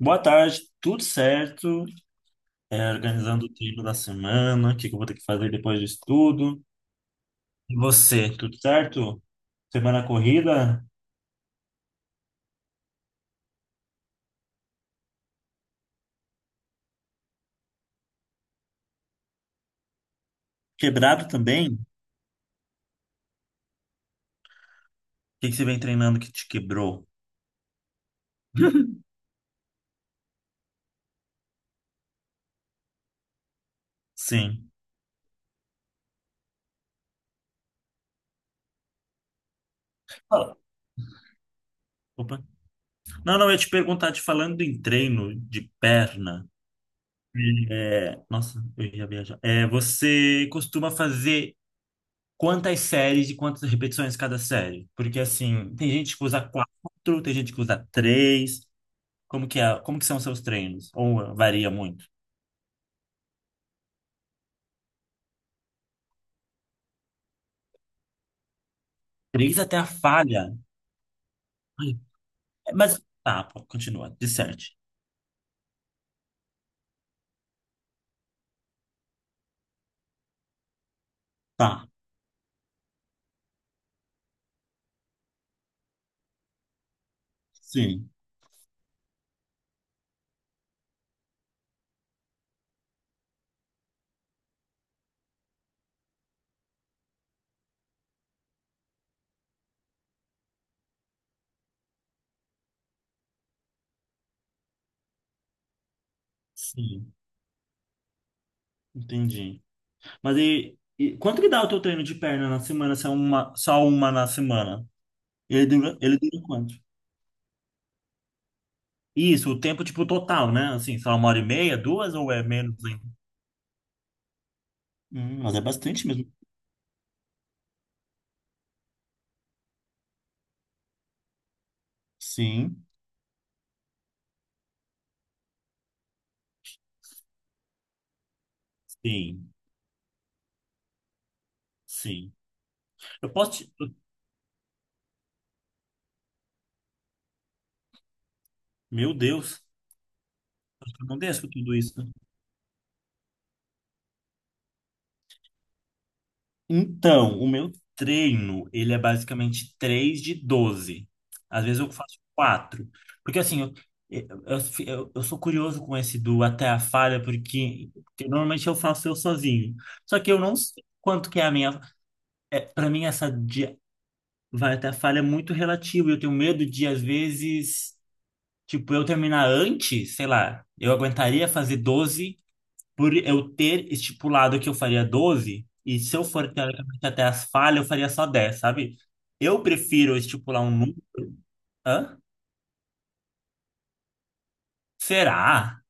Boa tarde, tudo certo? Organizando o tempo da semana, o que que eu vou ter que fazer depois disso tudo. E você, tudo certo? Semana corrida? Quebrado também? O que que você vem treinando que te quebrou? Sim. Fala. Opa. Não, não, eu ia te perguntar, te falando em treino de perna. Nossa, eu ia viajar. Você costuma fazer quantas séries e quantas repetições cada série? Porque assim, tem gente que usa quatro, tem gente que usa três. Como que é? Como que são os seus treinos? Ou varia muito? Três até a falha. Ai, mas tá, pô, continua. De sete. Tá. Sim. Sim. Entendi. Mas e quanto que dá o teu treino de perna na semana? Se é uma, só uma na semana? Ele dura quanto? Isso, o tempo tipo total, né? Assim, só uma hora e meia, duas ou é menos ainda? Mas é bastante mesmo. Sim. Sim. Sim. Eu posso te... Meu Deus. Acho que eu não desço tudo isso. Então, o meu treino, ele é basicamente 3 de 12. Às vezes eu faço quatro. Porque assim, eu, eu, eu sou curioso com esse do até a falha, porque normalmente eu faço eu sozinho. Só que eu não sei quanto que é a minha... Para mim, essa de vai até a falha é muito relativo. Eu tenho medo de, às vezes, tipo, eu terminar antes, sei lá, eu aguentaria fazer 12 por eu ter estipulado que eu faria 12 e se eu for teoricamente até as falhas, eu faria só 10, sabe? Eu prefiro estipular um número. Hã? Será?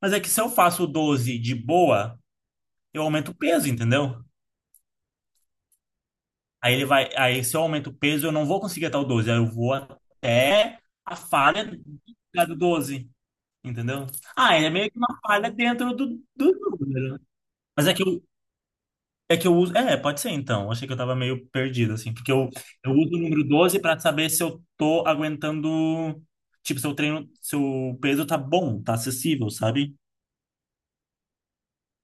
Mas é que se eu faço 12 de boa, eu aumento o peso, entendeu? Aí ele vai. Aí se eu aumento o peso, eu não vou conseguir até o 12. Aí eu vou até a falha do 12, entendeu? Ah, ele é meio que uma falha dentro do número, né? Mas é que eu, É que eu uso. Pode ser então. Achei que eu tava meio perdido, assim. Porque eu uso o número 12 pra saber se eu tô aguentando. Tipo, se eu treino, se o peso tá bom, tá acessível, sabe?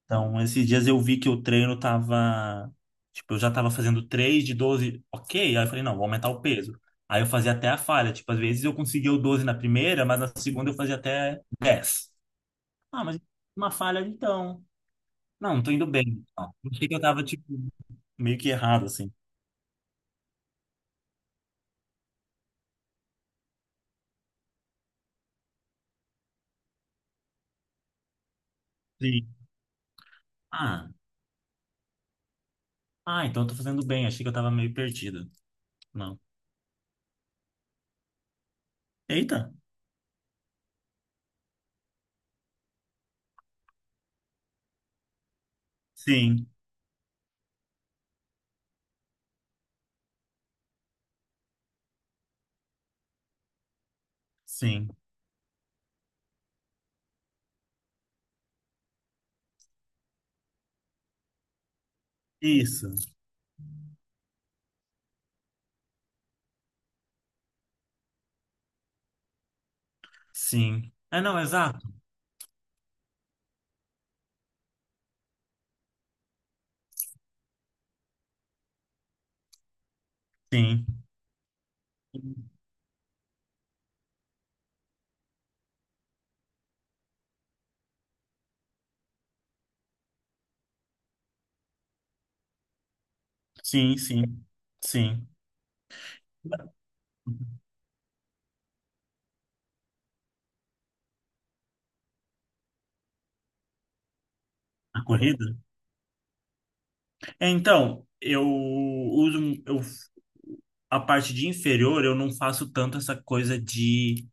Então, esses dias eu vi que o treino tava. Tipo, eu já tava fazendo 3 de 12, ok. Aí eu falei, não, vou aumentar o peso. Aí eu fazia até a falha. Tipo, às vezes eu conseguia o 12 na primeira, mas na segunda eu fazia até 10. Ah, mas uma falha então. Não, não tô indo bem. Não. Achei que eu tava, tipo, meio que errado, assim. Sim. Ah. Ah, então eu tô fazendo bem. Achei que eu tava meio perdido. Não. Eita. Sim, sim. Isso. Sim. É, não, exato. Sim. Sim, sim. Sim. A corrida? Então, eu, a parte de inferior, eu não faço tanto essa coisa de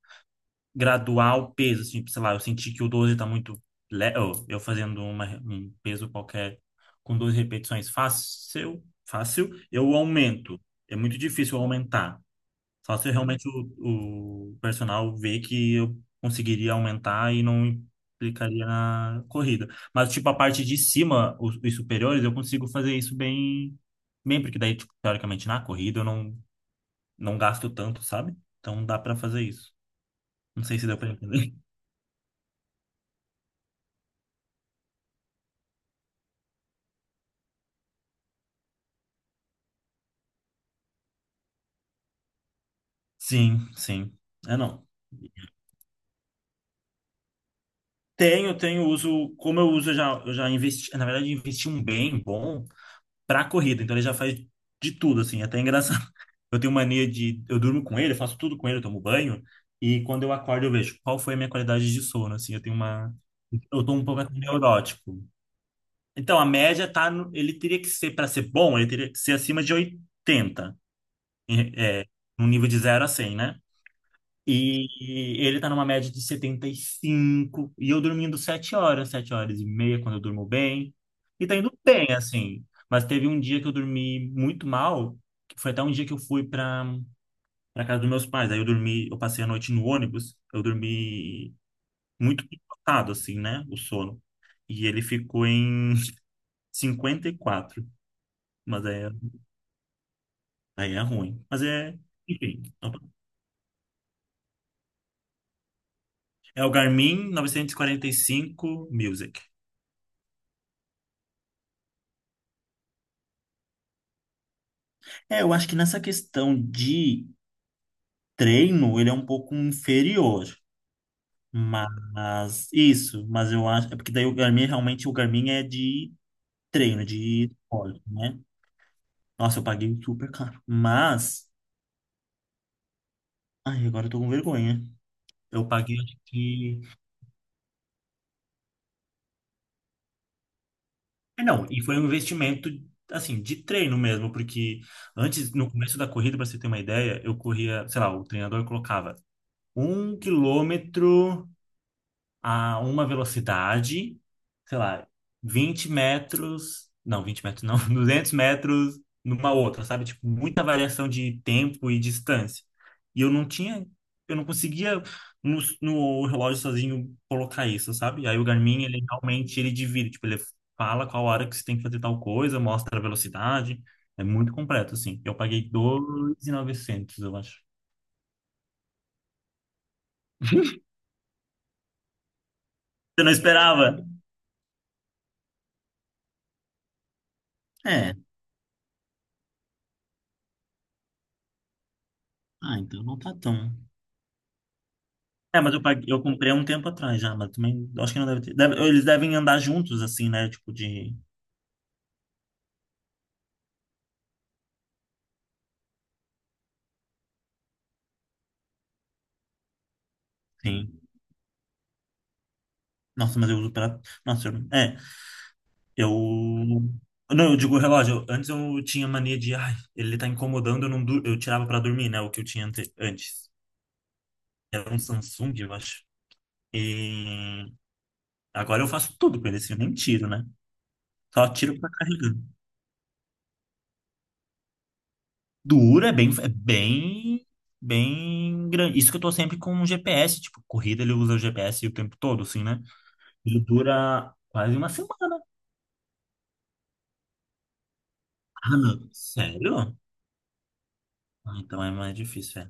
graduar o peso, assim, tipo, sei lá, eu senti que o 12 tá muito leve, eu fazendo uma, um peso qualquer com 12 repetições fácil, fácil, eu aumento. É muito difícil eu aumentar. Só se realmente o personal ver que eu conseguiria aumentar e não implicaria na corrida. Mas, tipo, a parte de cima, os superiores, eu consigo fazer isso bem, bem, porque daí, tipo, teoricamente, na corrida eu não, não gasto tanto, sabe? Então dá pra fazer isso. Não sei se deu pra entender. Sim, sim. É, não. Tenho, tenho uso, como eu uso, eu já investi, na verdade, investi um bem bom pra corrida, então ele já faz de tudo, assim, até é engraçado. Eu tenho mania de, eu durmo com ele, eu faço tudo com ele, eu tomo banho, e quando eu acordo eu vejo qual foi a minha qualidade de sono, assim, eu tô um pouco assim, neurótico. Então, a média tá, ele teria que ser, pra ser bom, ele teria que ser acima de 80 em- é, num nível de 0 a 100, né? E ele tá numa média de setenta e cinco e eu dormindo 7 horas, 7 horas e meia, quando eu durmo bem. E tá indo bem, assim. Mas teve um dia que eu dormi muito mal, que foi até um dia que eu fui pra, casa dos meus pais. Aí eu dormi, eu passei a noite no ônibus, eu dormi muito picotado, assim, né? O sono. E ele ficou em 54. Mas aí, aí é ruim. Mas é. Enfim, é o Garmin 945 Music. Eu acho que nessa questão de treino, ele é um pouco inferior. Mas isso, mas eu acho. É porque daí o Garmin, realmente, o Garmin é de treino, de esporte, né? Nossa, eu paguei super caro. Mas. Ai, agora eu tô com vergonha. Eu paguei, acho que. Não, e foi um investimento, assim, de treino mesmo, porque antes, no começo da corrida, pra você ter uma ideia, eu corria, sei lá, o treinador colocava 1 quilômetro a uma velocidade, sei lá, 20 metros, não, 20 metros não, 200 metros numa outra, sabe? Tipo, muita variação de tempo e distância. E eu não tinha, eu não conseguia no relógio sozinho colocar isso, sabe? Aí o Garmin, ele realmente, ele divide, tipo, ele fala qual hora que você tem que fazer tal coisa, mostra a velocidade, é muito completo, assim. Eu paguei 2.900, eu acho. Você não esperava? É, ah, então não tá tão. Mas eu paguei, eu comprei há um tempo atrás já, mas também acho que não deve ter. Eles devem andar juntos, assim, né? Tipo de. Sim. Nossa, mas eu uso pra. Nossa, eu- é. Eu. Não, eu digo o relógio. Antes eu tinha mania de. Ai, ele tá incomodando, eu, não dur... eu tirava pra dormir, né? O que eu tinha antes. Era um Samsung, eu acho. E agora eu faço tudo com ele, assim, eu nem tiro, né? Só tiro pra carregar. Duro é bem. É bem. Bem grande. Isso que eu tô sempre com o GPS, tipo, corrida ele usa o GPS o tempo todo, assim, né? Ele dura quase uma semana. Ah, não. Sério? Ah, então é mais difícil, é.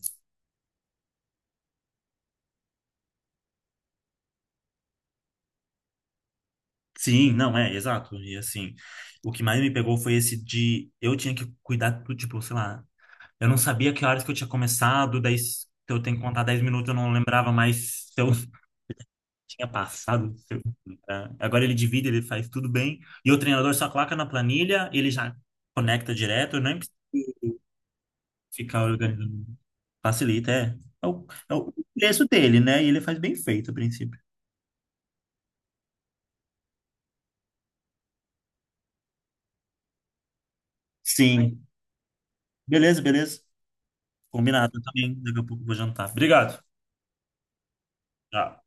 Sim, não, é, exato. E assim, o que mais me pegou foi esse de eu tinha que cuidar do tipo, sei lá, eu não sabia que horas que eu tinha começado, daí se eu tenho que contar 10 minutos, eu não lembrava mais se eu tinha passado. Se eu- tá? Agora ele divide, ele faz tudo bem. E o treinador só coloca na planilha, ele já conecta direto, eu nem Ficar organizando facilita, é. É o preço dele, né? E ele faz bem feito, a princípio. Sim. Beleza, beleza. Combinado, eu também. Daqui a pouco eu vou jantar. Obrigado. Tchau.